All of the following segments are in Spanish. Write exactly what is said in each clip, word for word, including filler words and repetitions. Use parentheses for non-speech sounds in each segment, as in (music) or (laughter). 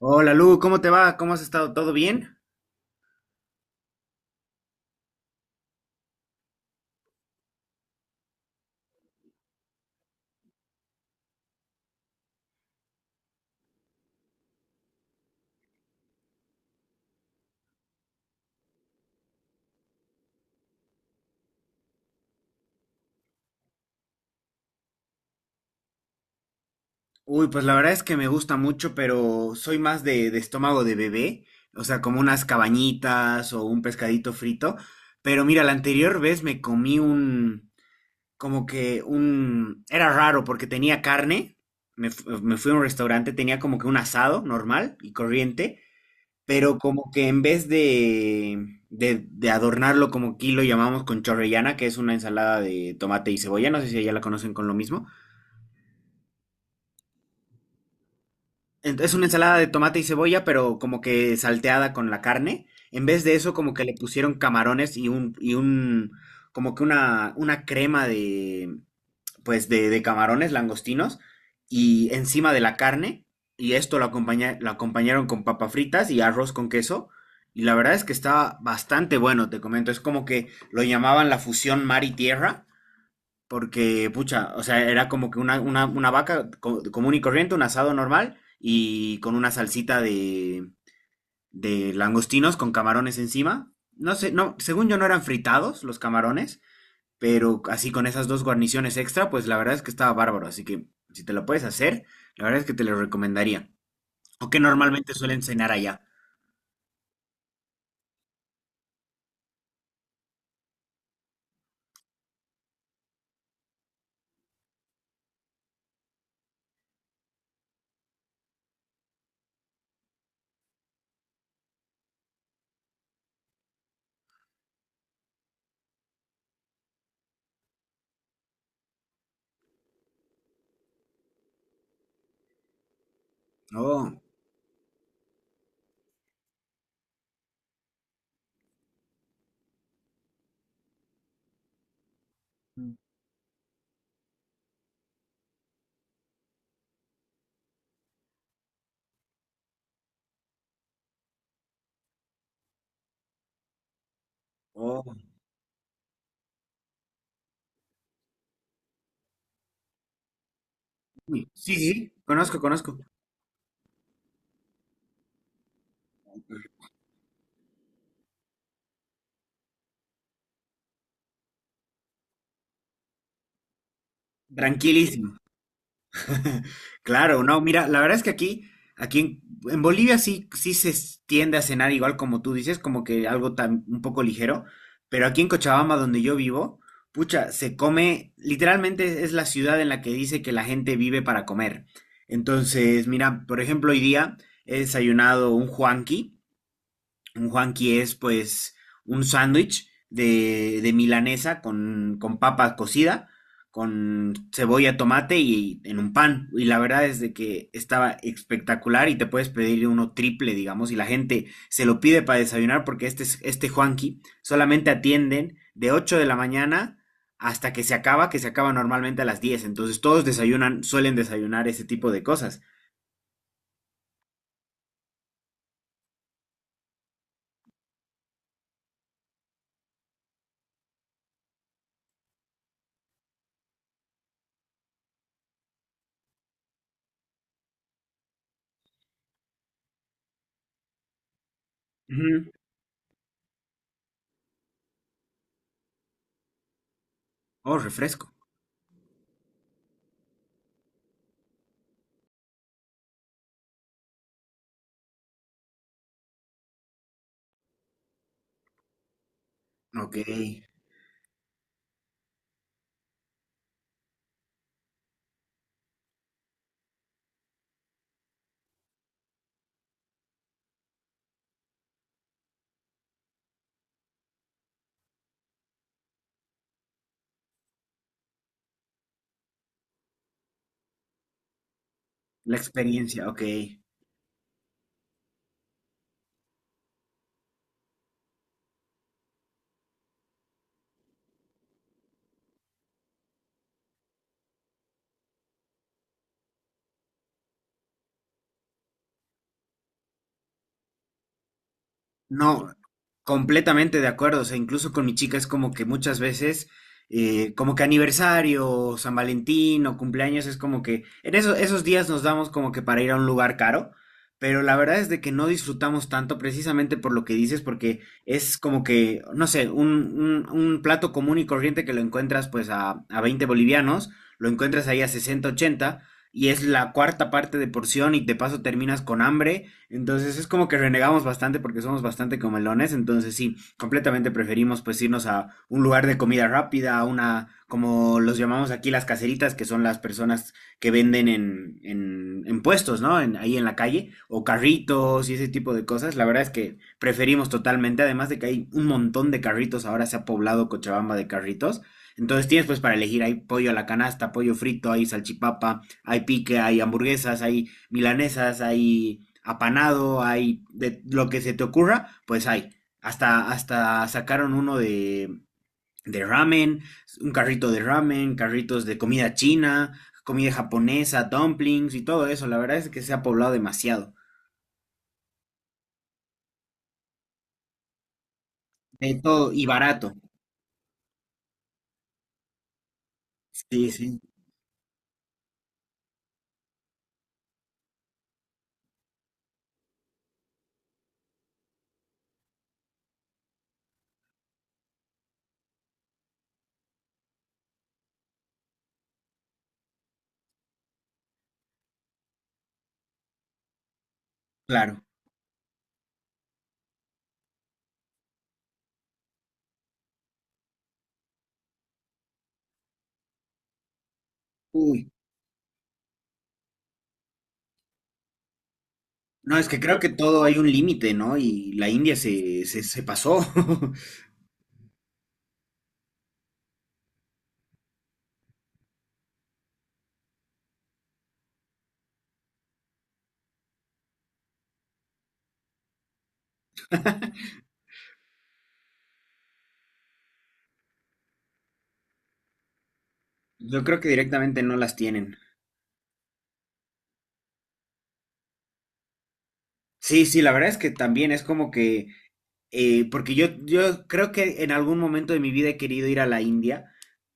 Hola Lu, ¿cómo te va? ¿Cómo has estado? ¿Todo bien? Uy, pues la verdad es que me gusta mucho, pero soy más de, de estómago de bebé, o sea, como unas cabañitas o un pescadito frito. Pero mira, la anterior vez me comí un, como que un, era raro porque tenía carne, me, fu- me fui a un restaurante, tenía como que un asado normal y corriente, pero como que en vez de, de, de adornarlo como aquí lo llamamos con chorrellana, que es una ensalada de tomate y cebolla, no sé si allá la conocen con lo mismo. en- Es una ensalada de tomate y cebolla, pero como que salteada con la carne. En vez de eso, como que le pusieron camarones y un, y un, como que una, una crema de, pues de, de camarones langostinos y encima de la carne. Y esto lo acompaña, lo acompañaron con papas fritas y arroz con queso. Y la verdad es que estaba bastante bueno, te comento. Es como que lo llamaban la fusión mar y tierra. Porque, pucha, o sea, era como que una, una, una vaca co- común y corriente, un asado normal y con una salsita de, de langostinos con camarones encima. No sé, no, según yo no eran fritados los camarones, pero así con esas dos guarniciones extra, pues la verdad es que estaba bárbaro. Así que si te lo puedes hacer, la verdad es que te lo recomendaría. O que normalmente suelen cenar allá. Oh, oh, uy, sí, sí, conozco, conozco. Tranquilísimo. (laughs) Claro, no, mira, la verdad es que aquí, aquí en, en Bolivia sí, sí se s- tiende a cenar igual como tú dices, como que algo tan, un poco ligero, pero aquí en Cochabamba, donde yo vivo, pucha, se come, literalmente es la ciudad en la que dice que la gente vive para comer. Entonces, mira, por ejemplo, hoy día he desayunado un huanqui, un Juanqui es pues un sándwich de, de milanesa con, con papa cocida, con cebolla, tomate y en un pan. Y la verdad es de que estaba espectacular y te puedes pedir uno triple, digamos, y la gente se lo pide para desayunar porque este, es- este Juanqui solamente atienden de ocho de la mañana hasta que se acaba, que se acaba normalmente a las diez. Entonces todos desayunan, suelen desayunar ese tipo de cosas. Ujú. Oh, refresco. Ok. La experiencia, ok. No, completamente de acuerdo. O sea, incluso con mi chica es como que muchas veces, eh, como que aniversario, o San Valentín o cumpleaños, es como que en eso- esos días nos damos como que para ir a un lugar caro, pero la verdad es de que no disfrutamos tanto precisamente por lo que dices, porque es como que, no sé, un, un- un plato común y corriente que lo encuentras pues a, a veinte bolivianos, lo encuentras ahí a sesenta ochenta. Y es la cuarta parte de porción y de paso terminas con hambre, entonces es como que renegamos bastante porque somos bastante comelones, entonces sí, completamente preferimos pues irnos a un lugar de comida rápida, a una, como los llamamos aquí las caseritas, que son las personas que venden en, en, en puestos, ¿no? En- ahí en la calle, o carritos y ese tipo de cosas. La verdad es que preferimos totalmente, además de que hay un montón de carritos, ahora se ha poblado Cochabamba de carritos. Entonces tienes pues para elegir, hay pollo a la canasta, pollo frito, hay salchipapa, hay pique, hay hamburguesas, hay milanesas, hay apanado, hay de lo que se te ocurra, pues hay. Hasta, hasta sacaron uno de, de ramen, un carrito de ramen, carritos de comida china, comida japonesa, dumplings y todo eso. La verdad es que se ha poblado demasiado. De todo y barato. Sí, sí, claro. Uy. No, es que creo que todo hay un límite, ¿no? Y la India se, se, se pasó. (laughs) Yo creo que directamente no las tienen. Sí, sí, la verdad es que también es como que Eh, porque yo, yo creo que en algún momento de mi vida he querido ir a la India,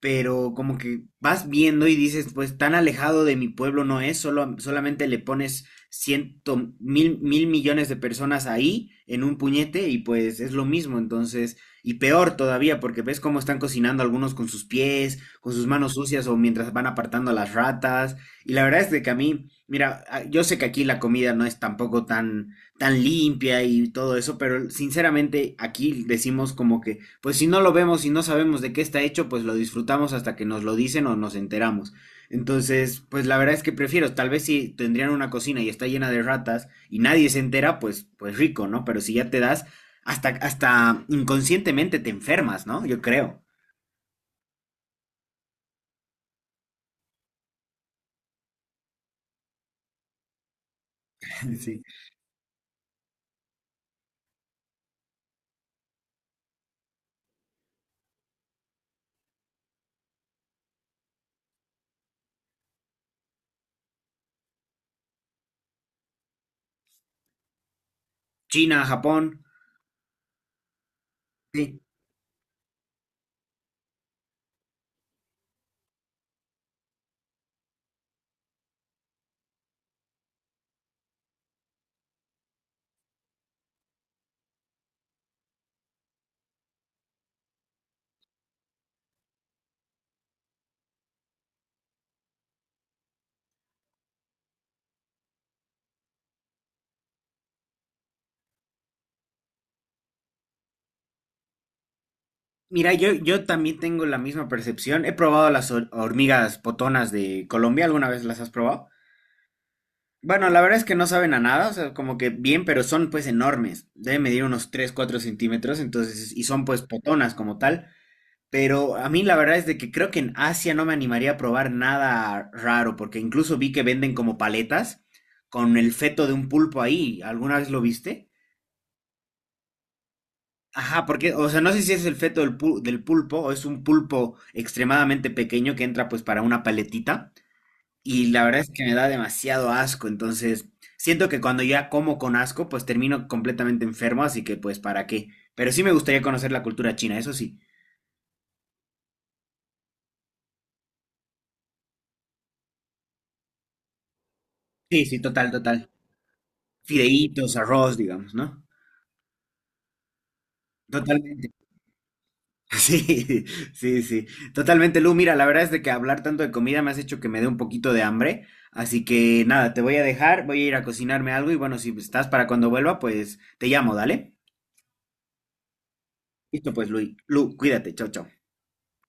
pero como que vas viendo y dices, pues tan alejado de mi pueblo no es, solo, solamente le pones ciento, mil, mil millones de personas ahí en un puñete y pues es lo mismo, entonces, y peor todavía, porque ves cómo están cocinando algunos con sus pies, con sus manos sucias o mientras van apartando a las ratas, y la verdad es de que a mí, mira, a- yo sé que aquí la comida no es tampoco tan tan limpia y todo eso, pero sinceramente aquí decimos como que, pues si no lo vemos y no sabemos de qué está hecho, pues lo disfrutamos hasta que nos lo dicen o nos enteramos. Entonces, pues la verdad es que prefiero, tal vez si tendrían una cocina y está llena de ratas y nadie se entera, pues, pues rico, ¿no? Pero si ya te das, hasta, hasta inconscientemente te enfermas, ¿no? Yo creo. (laughs) Sí. China, Japón. Sí. Mira, yo, yo también tengo la misma percepción. He probado las hor- hormigas potonas de Colombia, ¿alguna vez las has probado? Bueno, la verdad es que no saben a nada, o sea, como que bien, pero son pues enormes. Deben medir unos tres, cuatro centímetros, entonces, y son pues potonas como tal. Pero a mí la verdad es de que creo que en Asia no me animaría a probar nada raro, porque incluso vi que venden como paletas con el feto de un pulpo ahí. ¿Alguna vez lo viste? Ajá, porque, o sea, no sé si es el feto del, pu- del pulpo o es un pulpo extremadamente pequeño que entra pues para una paletita. Y la verdad es que me da demasiado asco, entonces siento que cuando ya como con asco, pues termino completamente enfermo, así que pues para qué. Pero sí me gustaría conocer la cultura china, eso sí. Sí, sí, total, total. Fideitos, arroz, digamos, ¿no? Totalmente. (laughs) Sí, sí, sí. Totalmente, Lu. Mira, la verdad es de que hablar tanto de comida me has hecho que me dé un poquito de hambre. Así que nada, te voy a dejar, voy a ir a cocinarme algo y bueno, si estás para cuando vuelva, pues te llamo, dale. Listo, pues, Lu. Lu, cuídate. Chao, chao.